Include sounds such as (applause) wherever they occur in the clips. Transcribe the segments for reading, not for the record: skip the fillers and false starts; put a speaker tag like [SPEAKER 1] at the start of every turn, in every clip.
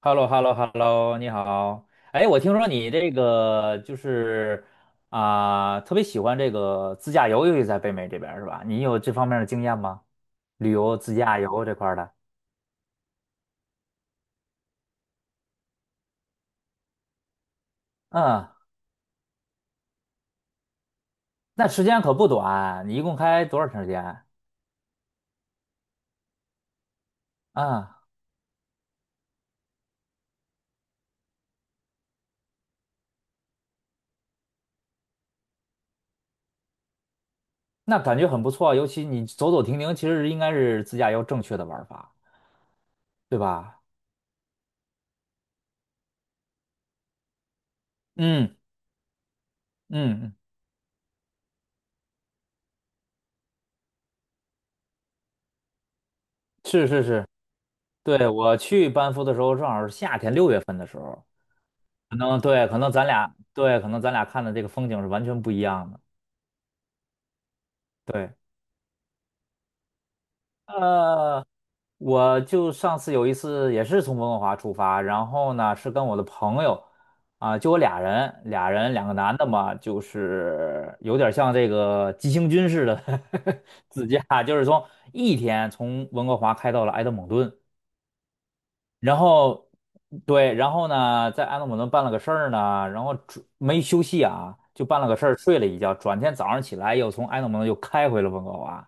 [SPEAKER 1] h e l l o h e l l o h e l l o 你好。哎，我听说你这个就是啊、特别喜欢这个自驾游，尤其在北美这边儿是吧？你有这方面的经验吗？旅游、自驾游这块儿的？嗯，那时间可不短，你一共开多长时间？啊、那感觉很不错，尤其你走走停停，其实应该是自驾游正确的玩法，对吧？嗯嗯，嗯是是是，对，我去班夫的时候正好是夏天6月份的时候。可能对，可能咱俩看的这个风景是完全不一样的。对，呃，我就上次有一次也是从温哥华出发，然后呢是跟我的朋友啊、就我俩人两个男的嘛，就是有点像这个急行军似的 (laughs) 自驾，就是从一天从温哥华开到了埃德蒙顿，然后对，然后呢，在安德鲁顿办了个事儿呢，然后转没休息啊，就办了个事儿，睡了一觉，转天早上起来又从安德鲁顿又开回了温哥华。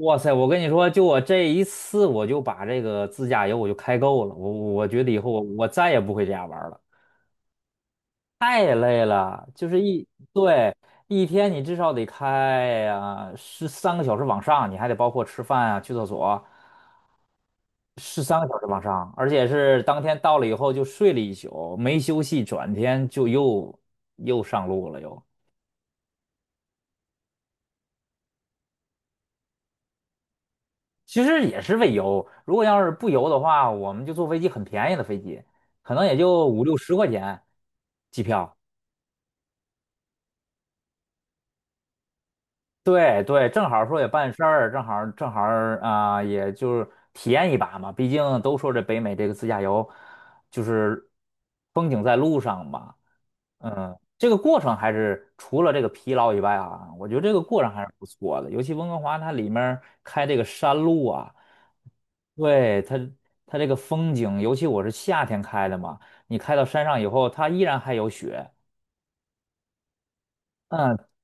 [SPEAKER 1] 哇塞，我跟你说，就我这一次，我就把这个自驾游我就开够了，我觉得以后我再也不会这样玩儿了，太累了，就是一对。一天你至少得开呀、13个小时往上，你还得包括吃饭啊、去厕所，是三个小时往上，而且是当天到了以后就睡了一宿，没休息，转天就又又上路了又。其实也是为游。如果要是不游的话，我们就坐飞机，很便宜的飞机，可能也就五六十块钱机票。对对，正好说也办事儿，正好正好啊、也就是体验一把嘛。毕竟都说这北美这个自驾游，就是风景在路上嘛。嗯，这个过程还是除了这个疲劳以外啊，我觉得这个过程还是不错的。尤其温哥华它里面儿开这个山路啊，对它这个风景，尤其我是夏天开的嘛，你开到山上以后，它依然还有雪。嗯。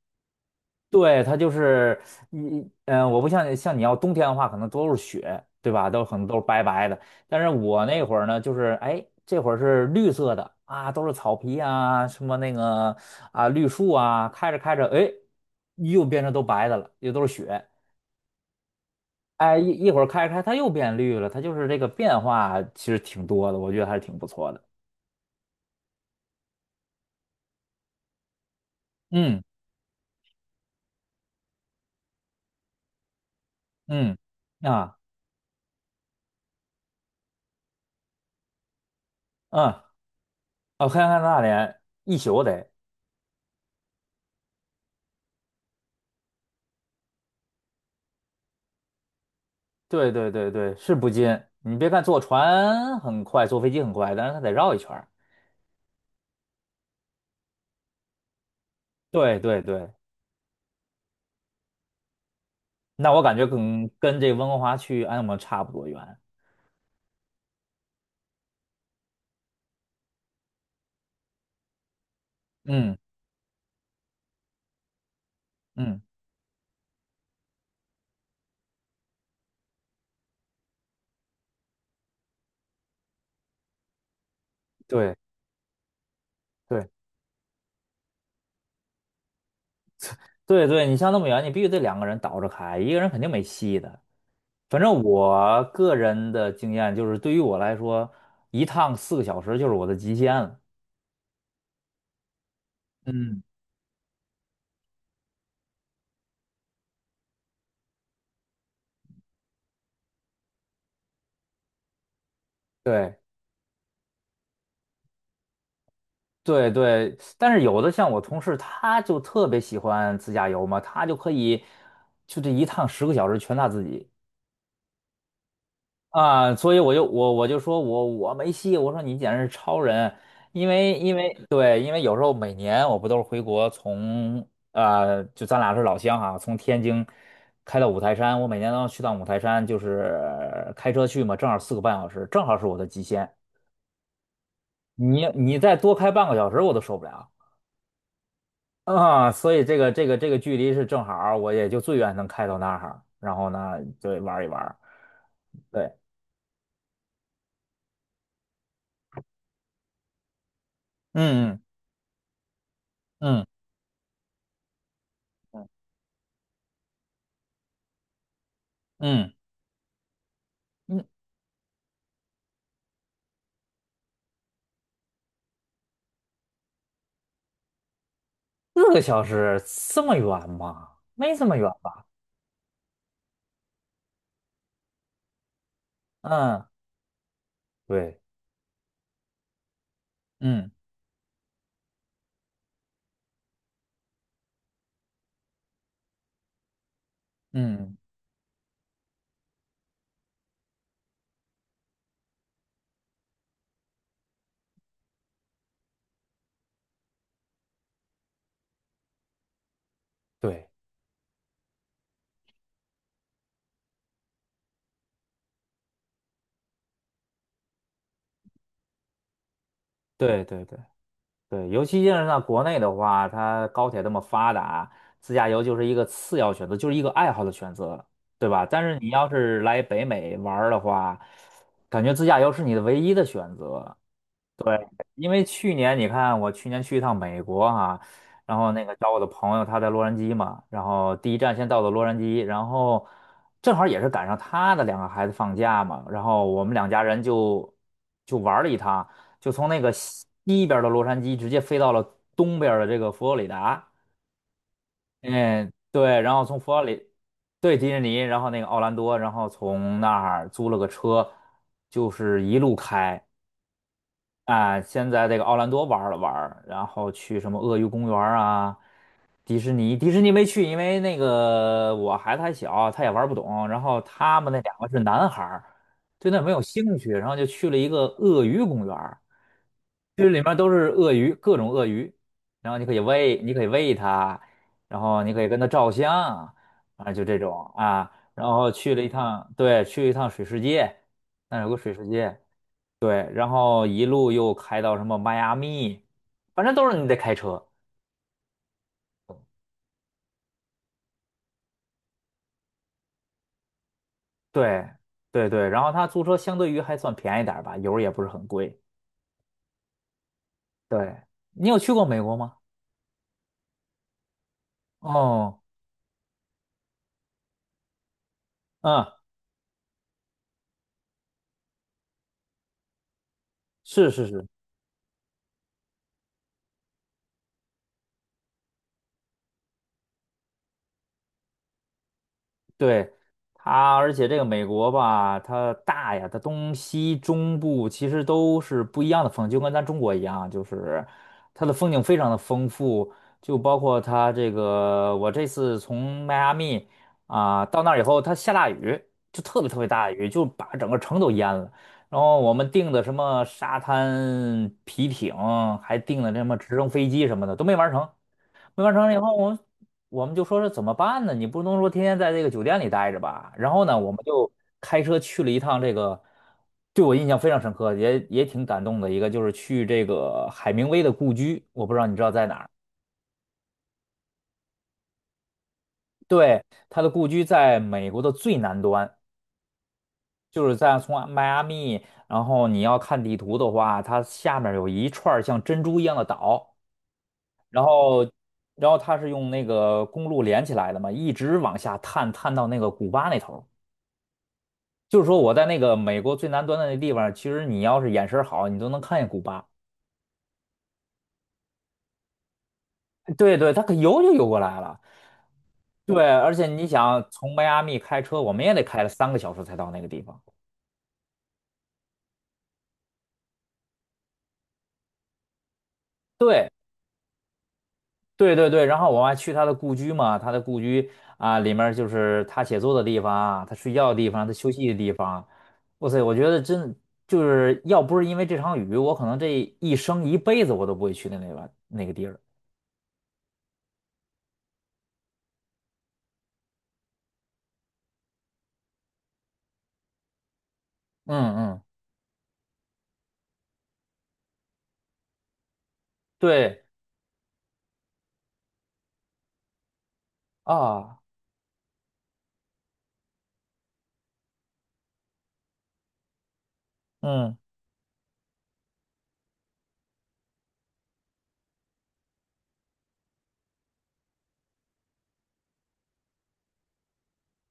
[SPEAKER 1] 对，它就是你，嗯，我不像你要冬天的话，可能都是雪，对吧？都可能都是白白的。但是我那会儿呢，就是哎，这会儿是绿色的啊，都是草皮啊，什么那个啊绿树啊，开着开着，哎，又变成都白的了，又都是雪。哎，一会儿开着开，它又变绿了，它就是这个变化其实挺多的，我觉得还是挺不错的。嗯嗯啊嗯，哦，黑暗大连一宿得。对对对对，是不近。你别看坐船很快，坐飞机很快，但是它得绕一圈儿。对对对，那我感觉跟这温哥华去安姆差不多远。嗯嗯，对对对对，你像那么远，你必须得两个人倒着开，一个人肯定没戏的。反正我个人的经验就是，对于我来说，一趟四个小时就是我的极限了。嗯，对。对对，但是有的像我同事，他就特别喜欢自驾游嘛，他就可以就这一趟10个小时全他自己啊，所以我就我就说我没戏，我说你简直是超人，因为对，因为有时候每年我不都是回国从就咱俩是老乡哈、从天津开到五台山，我每年都要去趟五台山，就是开车去嘛，正好4个半小时，正好是我的极限，你你再多开半个小时我都受不了。啊，所以这个这个这个距离是正好儿我也就最远能开到那儿，然后呢，就玩一玩对，嗯嗯嗯嗯嗯，四个小时这么远吗？没这么远吧？嗯，对，嗯嗯，对对对对对，尤其是在国内的话，它高铁这么发达，自驾游就是一个次要选择，就是一个爱好的选择，对吧？但是你要是来北美玩儿的话，感觉自驾游是你的唯一的选择。对，因为去年你看，我去年去一趟美国哈、然后那个找我的朋友，他在洛杉矶嘛，然后第一站先到的洛杉矶，然后正好也是赶上他的两个孩子放假嘛，然后我们两家人就就玩了一趟，就从那个西边的洛杉矶直接飞到了东边的这个佛罗里达，嗯，对，然后从佛罗里，对，迪士尼，然后那个奥兰多，然后从那儿租了个车，就是一路开。啊，先在这个奥兰多玩了玩然后去什么鳄鱼公园啊，迪士尼，迪士尼没去，因为那个我孩子还小，他也玩不懂。然后他们那两个是男孩儿，对那没有兴趣，然后就去了一个鳄鱼公园儿这里面都是鳄鱼，各种鳄鱼，然后你可以喂，你可以喂它，然后你可以跟它照相，啊，就这种啊。然后去了一趟，对，去了一趟水世界，那有个水世界。对，然后一路又开到什么迈阿密，反正都是你得开车。对，对对，然后他租车相对于还算便宜点儿吧，油儿也不是很贵。对，你有去过美国吗？哦，嗯，是是是，对它，而且这个美国吧，它大呀，它东西中部其实都是不一样的风景，就跟咱中国一样，就是它的风景非常的丰富，就包括它这个，我这次从迈阿密啊、到那儿以后，它下大雨，就特别特别大的雨，就把整个城都淹了。然后我们订的什么沙滩皮艇，还订的什么直升飞机什么的都没玩成。没完成了以后，我我们就说是怎么办呢？你不能说天天在这个酒店里待着吧？然后呢，我们就开车去了一趟这个，对我印象非常深刻，也挺感动的一个，就是去这个海明威的故居。我不知道你知道在哪儿？对，他的故居在美国的最南端，就是在从迈阿密，然后你要看地图的话，它下面有一串儿像珍珠一样的岛，然后。然后它是用那个公路连起来的嘛，一直往下探，探到那个古巴那头儿。就是说我在那个美国最南端的那地方，其实你要是眼神好，你都能看见古巴。对对，它可游就游过来了。对，而且你想从迈阿密开车，我们也得开了三个小时才到那个地方。对对对对，然后我还去他的故居嘛，他的故居啊，里面儿就是他写作的地方啊，他睡觉的地方，他休息的地方。哇塞，我觉得真就是要不是因为这场雨，我可能这一生一辈子我都不会去的那个地儿。嗯嗯，对啊，嗯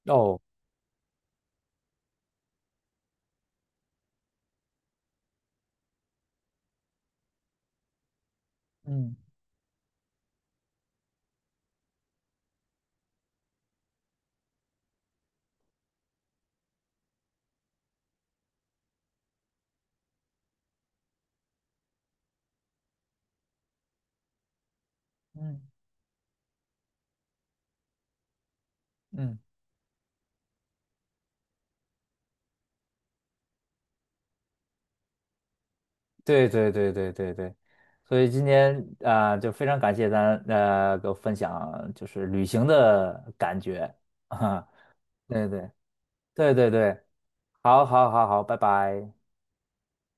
[SPEAKER 1] 哦。嗯嗯嗯，对对对对对对，所以今天啊、就非常感谢咱呃给我分享就是旅行的感觉哈，(laughs) 对对对对对，好好好好，拜拜。